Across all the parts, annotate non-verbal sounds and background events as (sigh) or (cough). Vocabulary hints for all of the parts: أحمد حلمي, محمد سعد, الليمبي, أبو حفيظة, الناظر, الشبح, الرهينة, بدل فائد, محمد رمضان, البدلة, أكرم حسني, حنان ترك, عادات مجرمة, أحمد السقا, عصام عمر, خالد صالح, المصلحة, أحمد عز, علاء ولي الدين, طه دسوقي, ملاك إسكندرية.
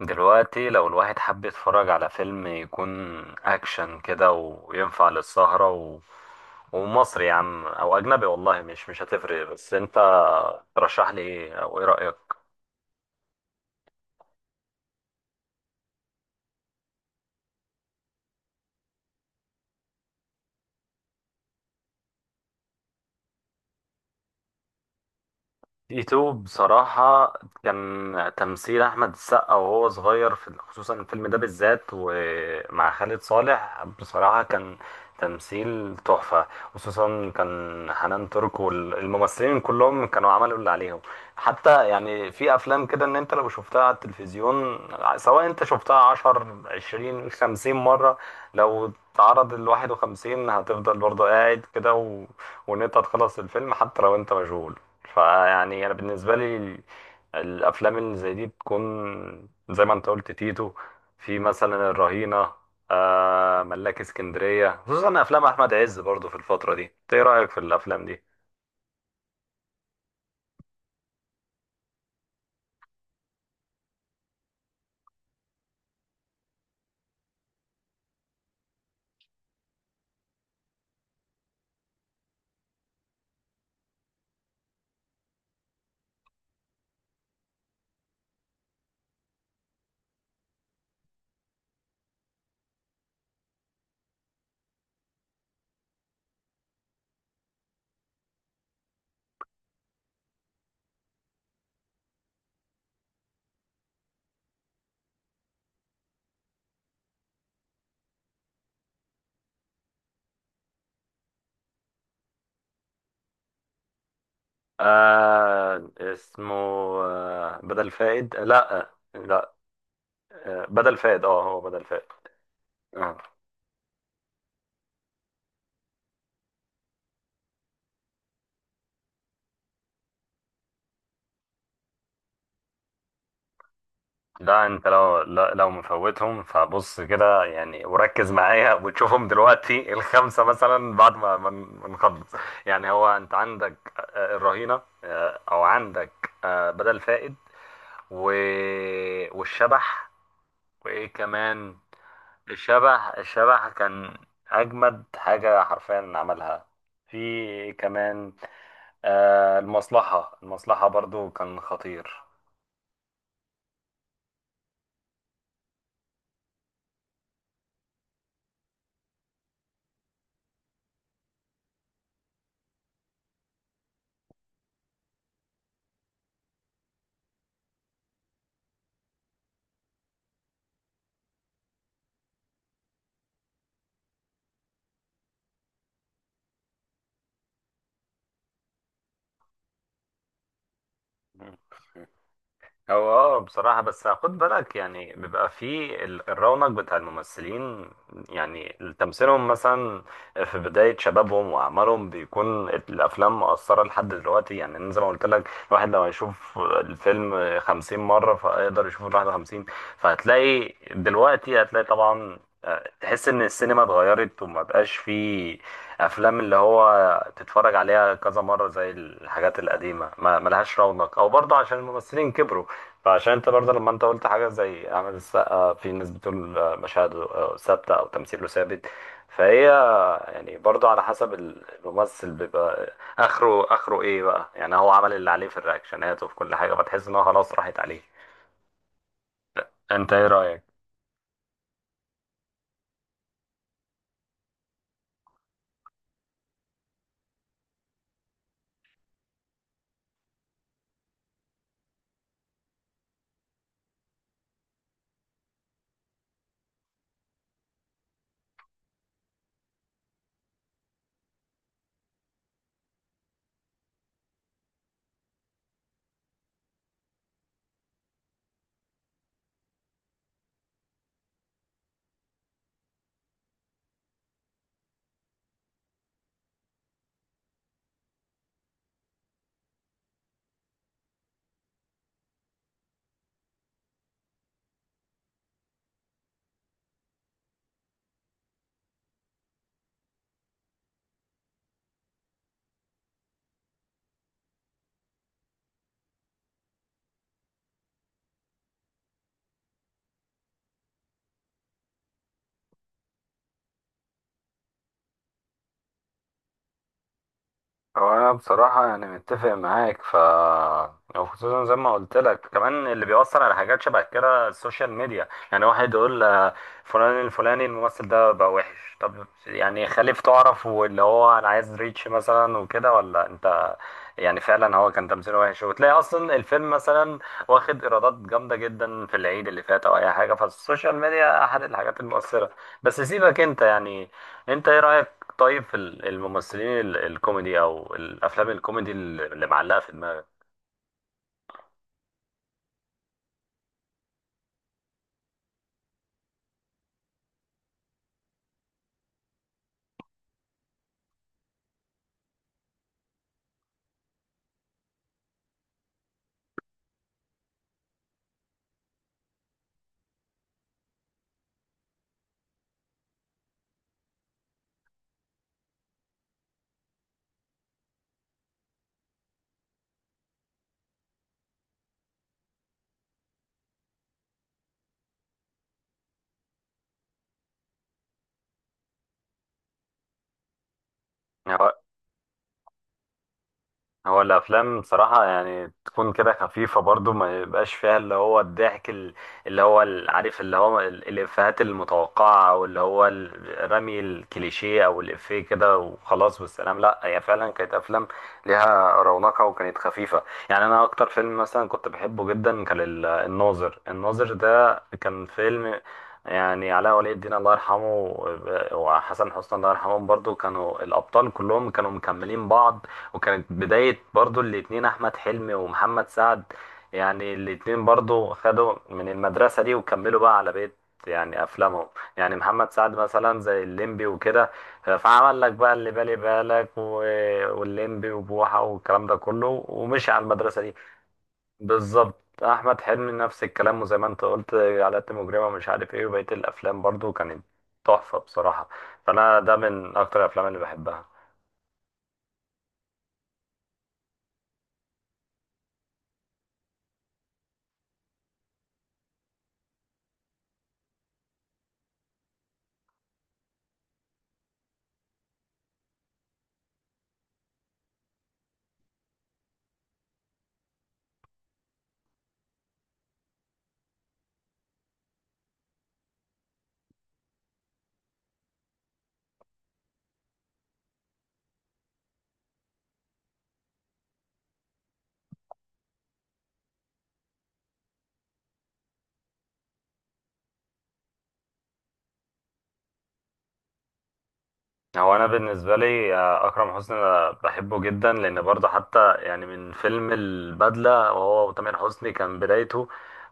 دلوقتي لو الواحد حب يتفرج على فيلم يكون اكشن كده وينفع للسهرة ومصري يا عم او اجنبي، والله مش هتفرق، بس انت ترشح لي ايه؟ او ايه رأيك؟ ايتو بصراحة، كان تمثيل أحمد السقا وهو صغير في خصوصا الفيلم ده بالذات ومع خالد صالح بصراحة كان تمثيل تحفة. خصوصا كان حنان ترك والممثلين كلهم كانوا عملوا اللي عليهم. حتى يعني في أفلام كده إن أنت لو شفتها على التلفزيون، سواء أنت شفتها عشر عشرين خمسين مرة، لو تعرض الواحد وخمسين هتفضل برضه قاعد كده وإن أنت تخلص الفيلم حتى لو أنت مشغول. فيعني انا بالنسبه لي الافلام اللي زي دي بتكون زي ما انت قلت تيتو، في مثلا الرهينه، آه ملاك اسكندريه، خصوصا افلام احمد عز برضو في الفتره دي. إنت ايه رايك في الافلام دي؟ آه اسمه، آه بدل فائد، لا لا، آه بدل فائد، اه هو بدل فائد. آه. لا انت لو لا- لو مفوتهم، فبص كده يعني وركز معايا وتشوفهم دلوقتي الخمسه مثلا بعد ما نخلص. يعني هو انت عندك الرهينه، او عندك بدل فائد و... والشبح، وايه كمان؟ الشبح، الشبح كان اجمد حاجه حرفيا عملها. في كمان المصلحه برضو كان خطير. هو اه بصراحة بس خد بالك، يعني بيبقى في الرونق بتاع الممثلين، يعني تمثيلهم مثلا في بداية شبابهم وأعمارهم بيكون الأفلام مؤثرة لحد دلوقتي. يعني أنا زي ما قلت لك، الواحد لو هيشوف الفيلم 50 مرة فهيقدر يشوفه الـ51. فهتلاقي دلوقتي، هتلاقي طبعا تحس إن السينما اتغيرت وما بقاش في أفلام اللي هو تتفرج عليها كذا مرة زي الحاجات القديمة، ما ملهاش رونق، أو برضه عشان الممثلين كبروا. فعشان انت برضه لما انت قلت حاجه زي اعمل السقا، في ناس بتقول مشاهد ثابته او تمثيله ثابت. فهي يعني برضه على حسب الممثل، بيبقى اخره اخره ايه بقى، يعني هو عمل اللي عليه في الرياكشنات وفي كل حاجه، فتحس ان هو خلاص راحت عليه. انت ايه رايك؟ هو انا بصراحه يعني متفق معاك، وخصوصا زي ما قلت لك كمان اللي بيأثر على حاجات شبه كده السوشيال ميديا، يعني واحد يقول فلان الفلاني الممثل ده بقى وحش. طب يعني خليف تعرف، واللي هو انا عايز ريتش مثلا وكده، ولا انت يعني فعلا هو كان تمثيله وحش، وتلاقي اصلا الفيلم مثلا واخد ايرادات جامده جدا في العيد اللي فات او اي حاجه، فالسوشيال ميديا احد الحاجات المؤثره. بس سيبك انت يعني، انت ايه رأيك؟ طيب في الممثلين الكوميدي او الافلام الكوميدي اللي معلقه في دماغك؟ هو الافلام بصراحه يعني تكون كده خفيفه برضو، ما يبقاش فيها اللي هو الضحك اللي هو عارف اللي هو الافيهات المتوقعه، او اللي هو رمي الكليشيه او الافيه كده وخلاص والسلام. لا، هي فعلا كانت افلام ليها رونقها وكانت خفيفه. يعني انا اكتر فيلم مثلا كنت بحبه جدا كان الناظر، الناظر ده كان فيلم. يعني علاء ولي الدين الله يرحمه، وحسن حسني الله يرحمهم برضو، كانوا الابطال كلهم كانوا مكملين بعض. وكانت بداية برضو الاتنين أحمد حلمي ومحمد سعد، يعني الاتنين برضو خدوا من المدرسة دي وكملوا بقى على بقية يعني أفلامهم. يعني محمد سعد مثلا زي الليمبي وكده، فعمل لك بقى اللي بالي بالك والليمبي وبوحة والكلام ده كله، ومشي على المدرسة دي. بالظبط أحمد حلمي نفس الكلام، وزي ما أنت قلت عادات مجرمة مش عارف إيه، وبقية الأفلام برضو كانت تحفة بصراحة. فأنا ده من أكتر الأفلام اللي بحبها. هو انا بالنسبه لي اكرم حسني أنا بحبه جدا، لان برضه حتى يعني من فيلم البدله وهو وتامر حسني كان بدايته،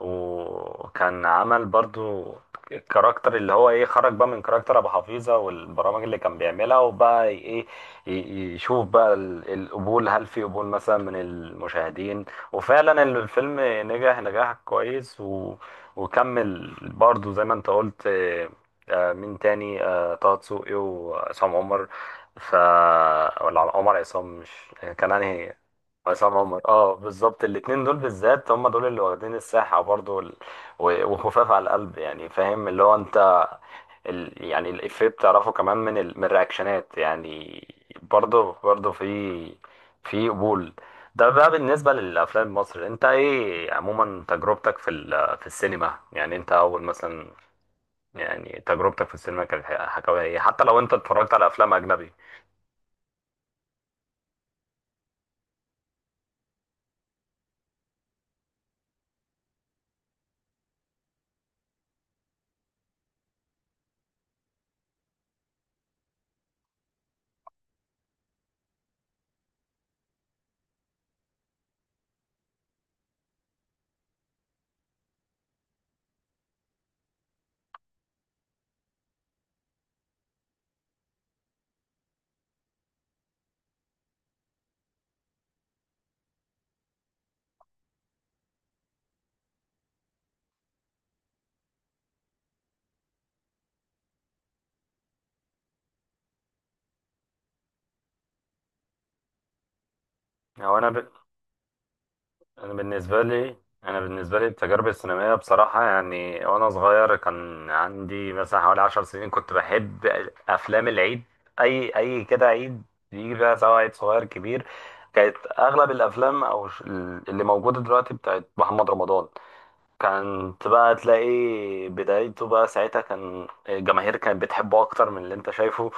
وكان عمل برضه الكاركتر اللي هو ايه، خرج بقى من كاركتر ابو حفيظه والبرامج اللي كان بيعملها، وبقى ايه، يشوف بقى القبول، هل في قبول مثلا من المشاهدين. وفعلا الفيلم نجح نجاح كويس وكمل برضه زي ما انت قلت. مين تاني؟ طه دسوقي وعصام عمر. ف ولا عمر عصام؟ مش كان انهي؟ عصام عمر، اه بالظبط. الاتنين دول بالذات هم دول اللي واخدين الساحة برضو، وخفاف على القلب يعني، فاهم اللي هو انت يعني الإفيه بتعرفه كمان من من الرياكشنات يعني. برضو في قبول. ده بقى بالنسبة للأفلام المصري، أنت إيه عموما تجربتك في في السينما؟ يعني أنت أول مثلا، يعني تجربتك في السينما كانت حكاويها ايه، حتى لو انت اتفرجت على افلام اجنبي؟ او انا ب... انا بالنسبه لي انا بالنسبه لي التجارب السينمائيه بصراحه يعني، وانا صغير كان عندي مثلا حوالي 10 سنين كنت بحب افلام العيد، اي كده عيد يجي بقى سواء عيد صغير كبير. كانت اغلب الافلام اللي موجوده دلوقتي بتاعت محمد رمضان، كانت بقى تلاقي بدايته بقى ساعتها كان الجماهير كانت بتحبه اكتر من اللي انت شايفه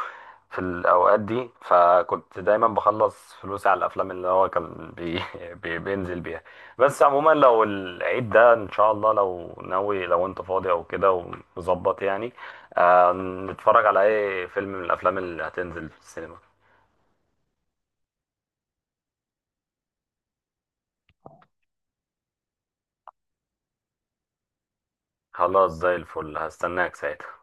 في الاوقات دي. فكنت دايما بخلص فلوسي على الافلام اللي هو كان (laughs) بينزل بيها. بس عموما لو العيد ده ان شاء الله لو ناوي لو انت فاضي او كده ومظبط يعني، آه، نتفرج على اي فيلم من الافلام اللي هتنزل في السينما. خلاص زي الفل، هستناك ساعتها.